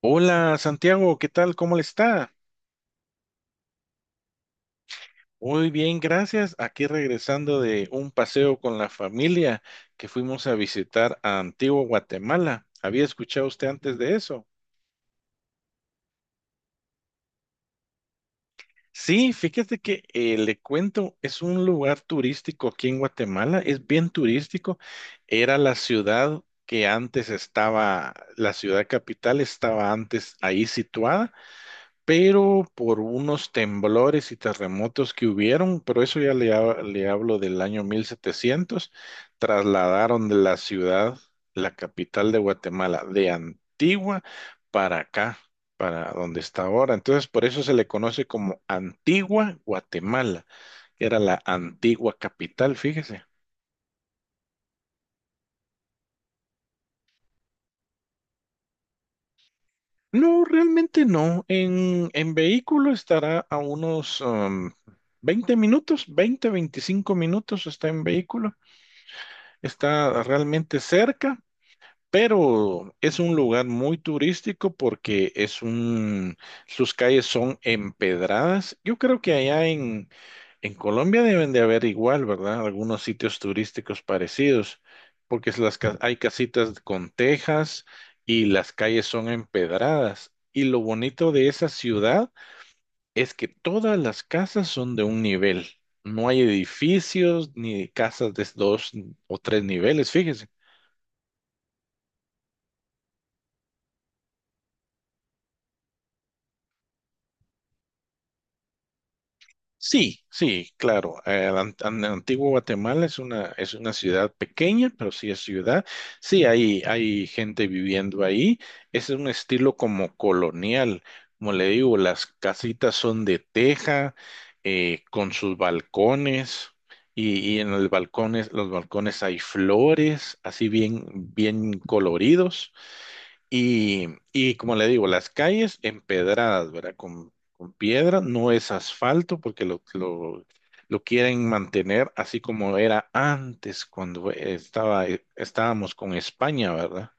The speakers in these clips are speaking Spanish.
Hola Santiago, ¿qué tal? ¿Cómo le está? Muy bien, gracias. Aquí regresando de un paseo con la familia que fuimos a visitar a Antigua Guatemala. ¿Había escuchado usted antes de eso? Sí, fíjate que le cuento, es un lugar turístico aquí en Guatemala, es bien turístico. Era la ciudad que antes estaba, la ciudad capital estaba antes ahí situada, pero por unos temblores y terremotos que hubieron, pero eso ya le hablo del año 1700, trasladaron de la ciudad, la capital de Guatemala, de Antigua para acá, para donde está ahora. Entonces, por eso se le conoce como Antigua Guatemala, que era la antigua capital, fíjese. No, realmente no. En vehículo estará a unos 20 minutos, 20, 25 minutos está en vehículo. Está realmente cerca, pero es un lugar muy turístico porque es un, sus calles son empedradas. Yo creo que allá en Colombia deben de haber igual, ¿verdad? Algunos sitios turísticos parecidos, porque es hay casitas con tejas y las calles son empedradas. Y lo bonito de esa ciudad es que todas las casas son de un nivel. No hay edificios ni casas de dos o tres niveles, fíjese. Sí, sí, claro. El antiguo Guatemala es una ciudad pequeña, pero sí es ciudad. Sí, hay gente viviendo ahí. Ese es un estilo como colonial. Como le digo, las casitas son de teja, con sus balcones, y en los balcones hay flores, así bien, bien coloridos. Y y como le digo, las calles empedradas, ¿verdad? Con piedra, no es asfalto porque lo quieren mantener así como era antes cuando estábamos con España, ¿verdad?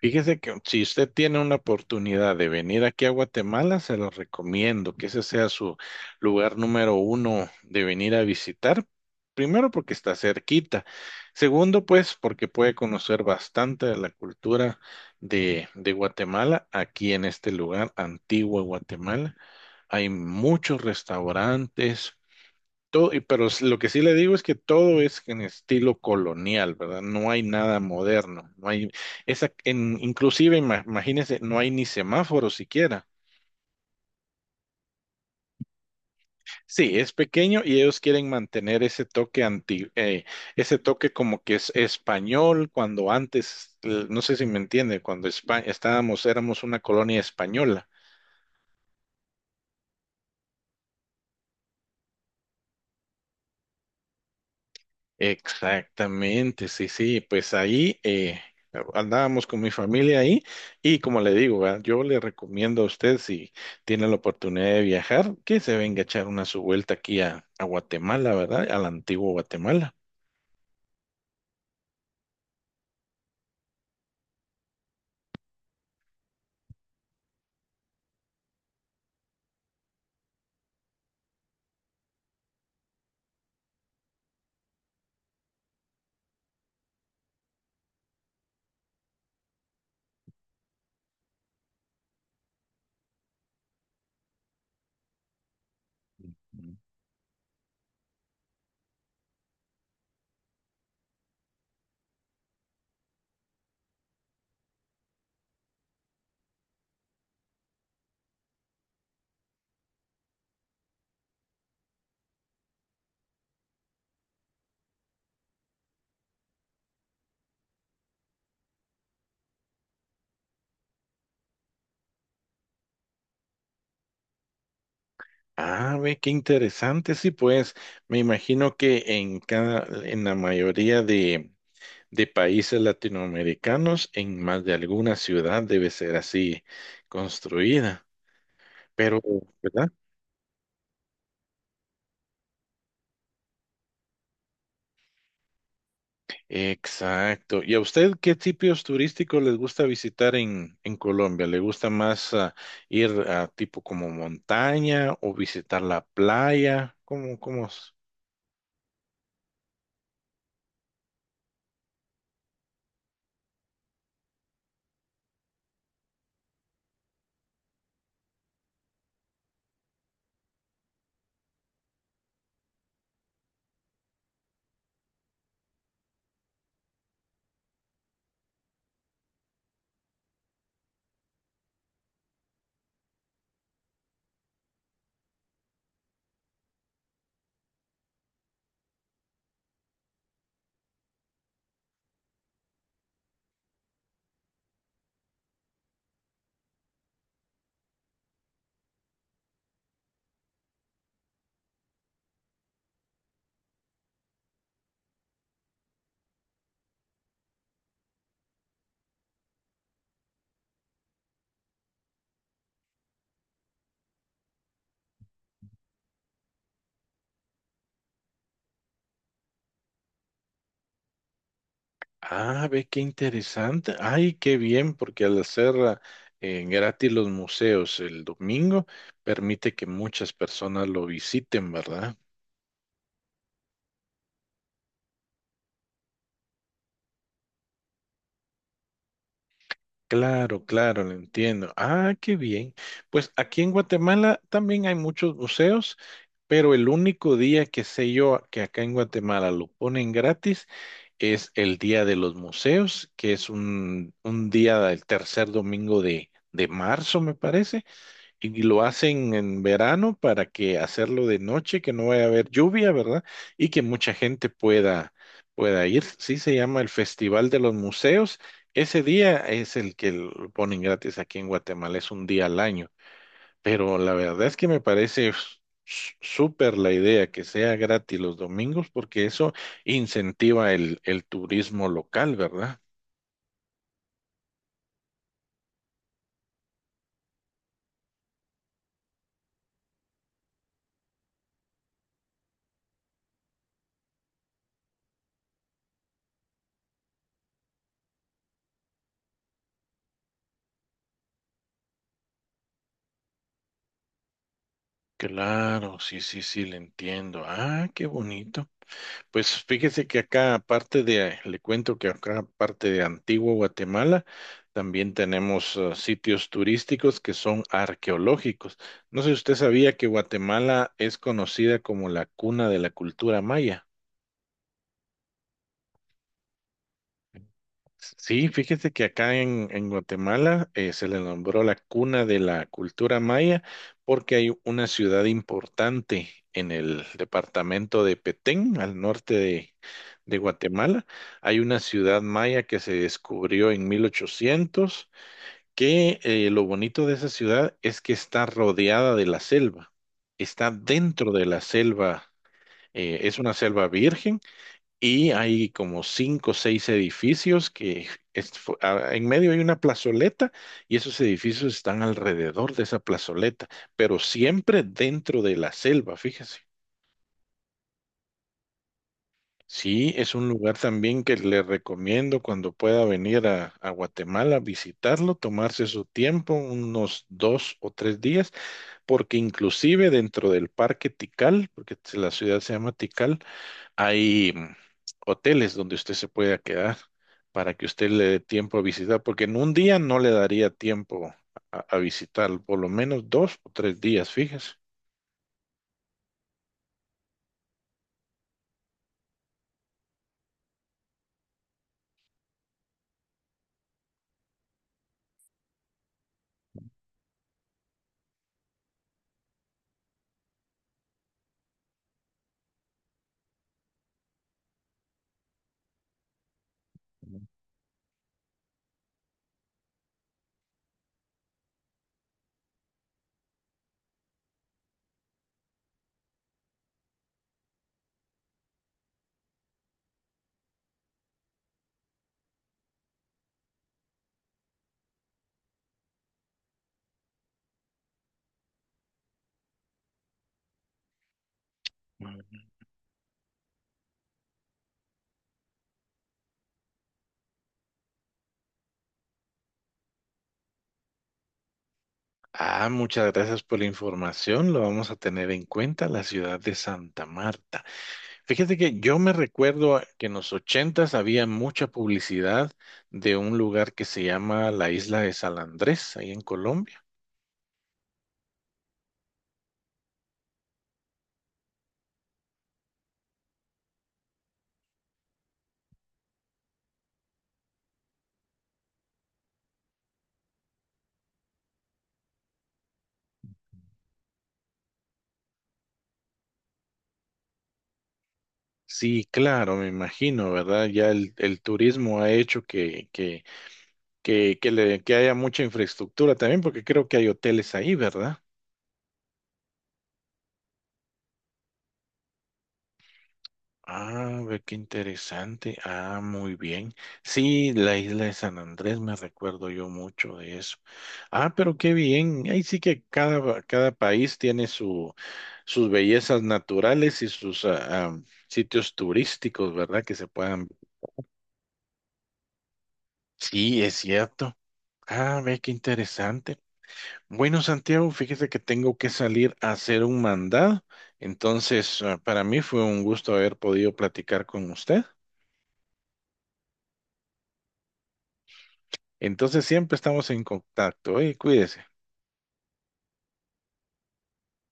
Fíjese que si usted tiene una oportunidad de venir aquí a Guatemala, se lo recomiendo que ese sea su lugar número uno de venir a visitar. Primero porque está cerquita. Segundo, pues porque puede conocer bastante de la cultura de Guatemala aquí en este lugar, Antigua Guatemala. Hay muchos restaurantes, todo, pero lo que sí le digo es que todo es en estilo colonial, ¿verdad? No hay nada moderno, no hay esa, en, inclusive imagínense, no hay ni semáforos siquiera. Sí, es pequeño y ellos quieren mantener ese toque ese toque como que es español cuando antes, no sé si me entiende, cuando estábamos, éramos una colonia española. Exactamente, sí, sí, pues ahí andábamos con mi familia ahí y como le digo, ¿verdad? Yo le recomiendo a usted si tiene la oportunidad de viajar que se venga a echar una su vuelta aquí a Guatemala, ¿verdad? Al antiguo Guatemala. Ujú. Ah, ve, qué interesante, sí, pues me imagino que en cada, en la mayoría de países latinoamericanos, en más de alguna ciudad debe ser así construida, pero, ¿verdad? Exacto. ¿Y a usted qué tipos turísticos les gusta visitar en Colombia? ¿Le gusta más ah, ir a tipo como montaña o visitar la playa? ¿Cómo, cómo es? Ah, ve qué interesante. Ay, qué bien, porque al hacer gratis los museos el domingo, permite que muchas personas lo visiten, ¿verdad? Claro, claro, lo entiendo. Ah, qué bien. Pues aquí en Guatemala también hay muchos museos, pero el único día que sé yo que acá en Guatemala lo ponen gratis es el Día de los Museos, que es un día del tercer domingo de marzo, me parece. Y lo hacen en verano para que hacerlo de noche, que no vaya a haber lluvia, ¿verdad? Y que mucha gente pueda ir. Sí, se llama el Festival de los Museos. Ese día es el que lo ponen gratis aquí en Guatemala, es un día al año. Pero la verdad es que me parece súper la idea que sea gratis los domingos, porque eso incentiva el turismo local, ¿verdad? Claro, sí, sí, sí, le entiendo. Ah, qué bonito. Pues fíjese que acá, aparte de, le cuento que acá, aparte de Antigua Guatemala, también tenemos sitios turísticos que son arqueológicos. No sé si usted sabía que Guatemala es conocida como la cuna de la cultura maya. Sí, fíjese que acá en Guatemala se le nombró la cuna de la cultura maya porque hay una ciudad importante en el departamento de Petén, al norte de Guatemala. Hay una ciudad maya que se descubrió en 1800, que lo bonito de esa ciudad es que está rodeada de la selva, está dentro de la selva, es una selva virgen y hay como cinco o seis edificios que en medio hay una plazoleta y esos edificios están alrededor de esa plazoleta, pero siempre dentro de la selva, fíjese. Sí, es un lugar también que le recomiendo cuando pueda venir a Guatemala visitarlo, tomarse su tiempo, unos 2 o 3 días, porque inclusive dentro del Parque Tikal, porque la ciudad se llama Tikal, hay hoteles donde usted se pueda quedar para que usted le dé tiempo a visitar, porque en un día no le daría tiempo a visitar, por lo menos 2 o 3 días, fíjese. Ujú. Ah, muchas gracias por la información. Lo vamos a tener en cuenta, la ciudad de Santa Marta. Fíjate que yo me recuerdo que en los 80 había mucha publicidad de un lugar que se llama la Isla de San Andrés, ahí en Colombia. Sí, claro, me imagino, ¿verdad? Ya el turismo ha hecho que haya mucha infraestructura también, porque creo que hay hoteles ahí, ¿verdad? Ah, ve qué interesante. Ah, muy bien. Sí, la isla de San Andrés, me recuerdo yo mucho de eso. Ah, pero qué bien. Ahí sí que cada país tiene su, sus bellezas naturales y sus sitios turísticos, ¿verdad? Que se puedan. Sí, es cierto. Ah, ve qué interesante. Bueno, Santiago, fíjese que tengo que salir a hacer un mandado. Entonces, para mí fue un gusto haber podido platicar con usted. Entonces, siempre estamos en contacto, ¿eh? Cuídese.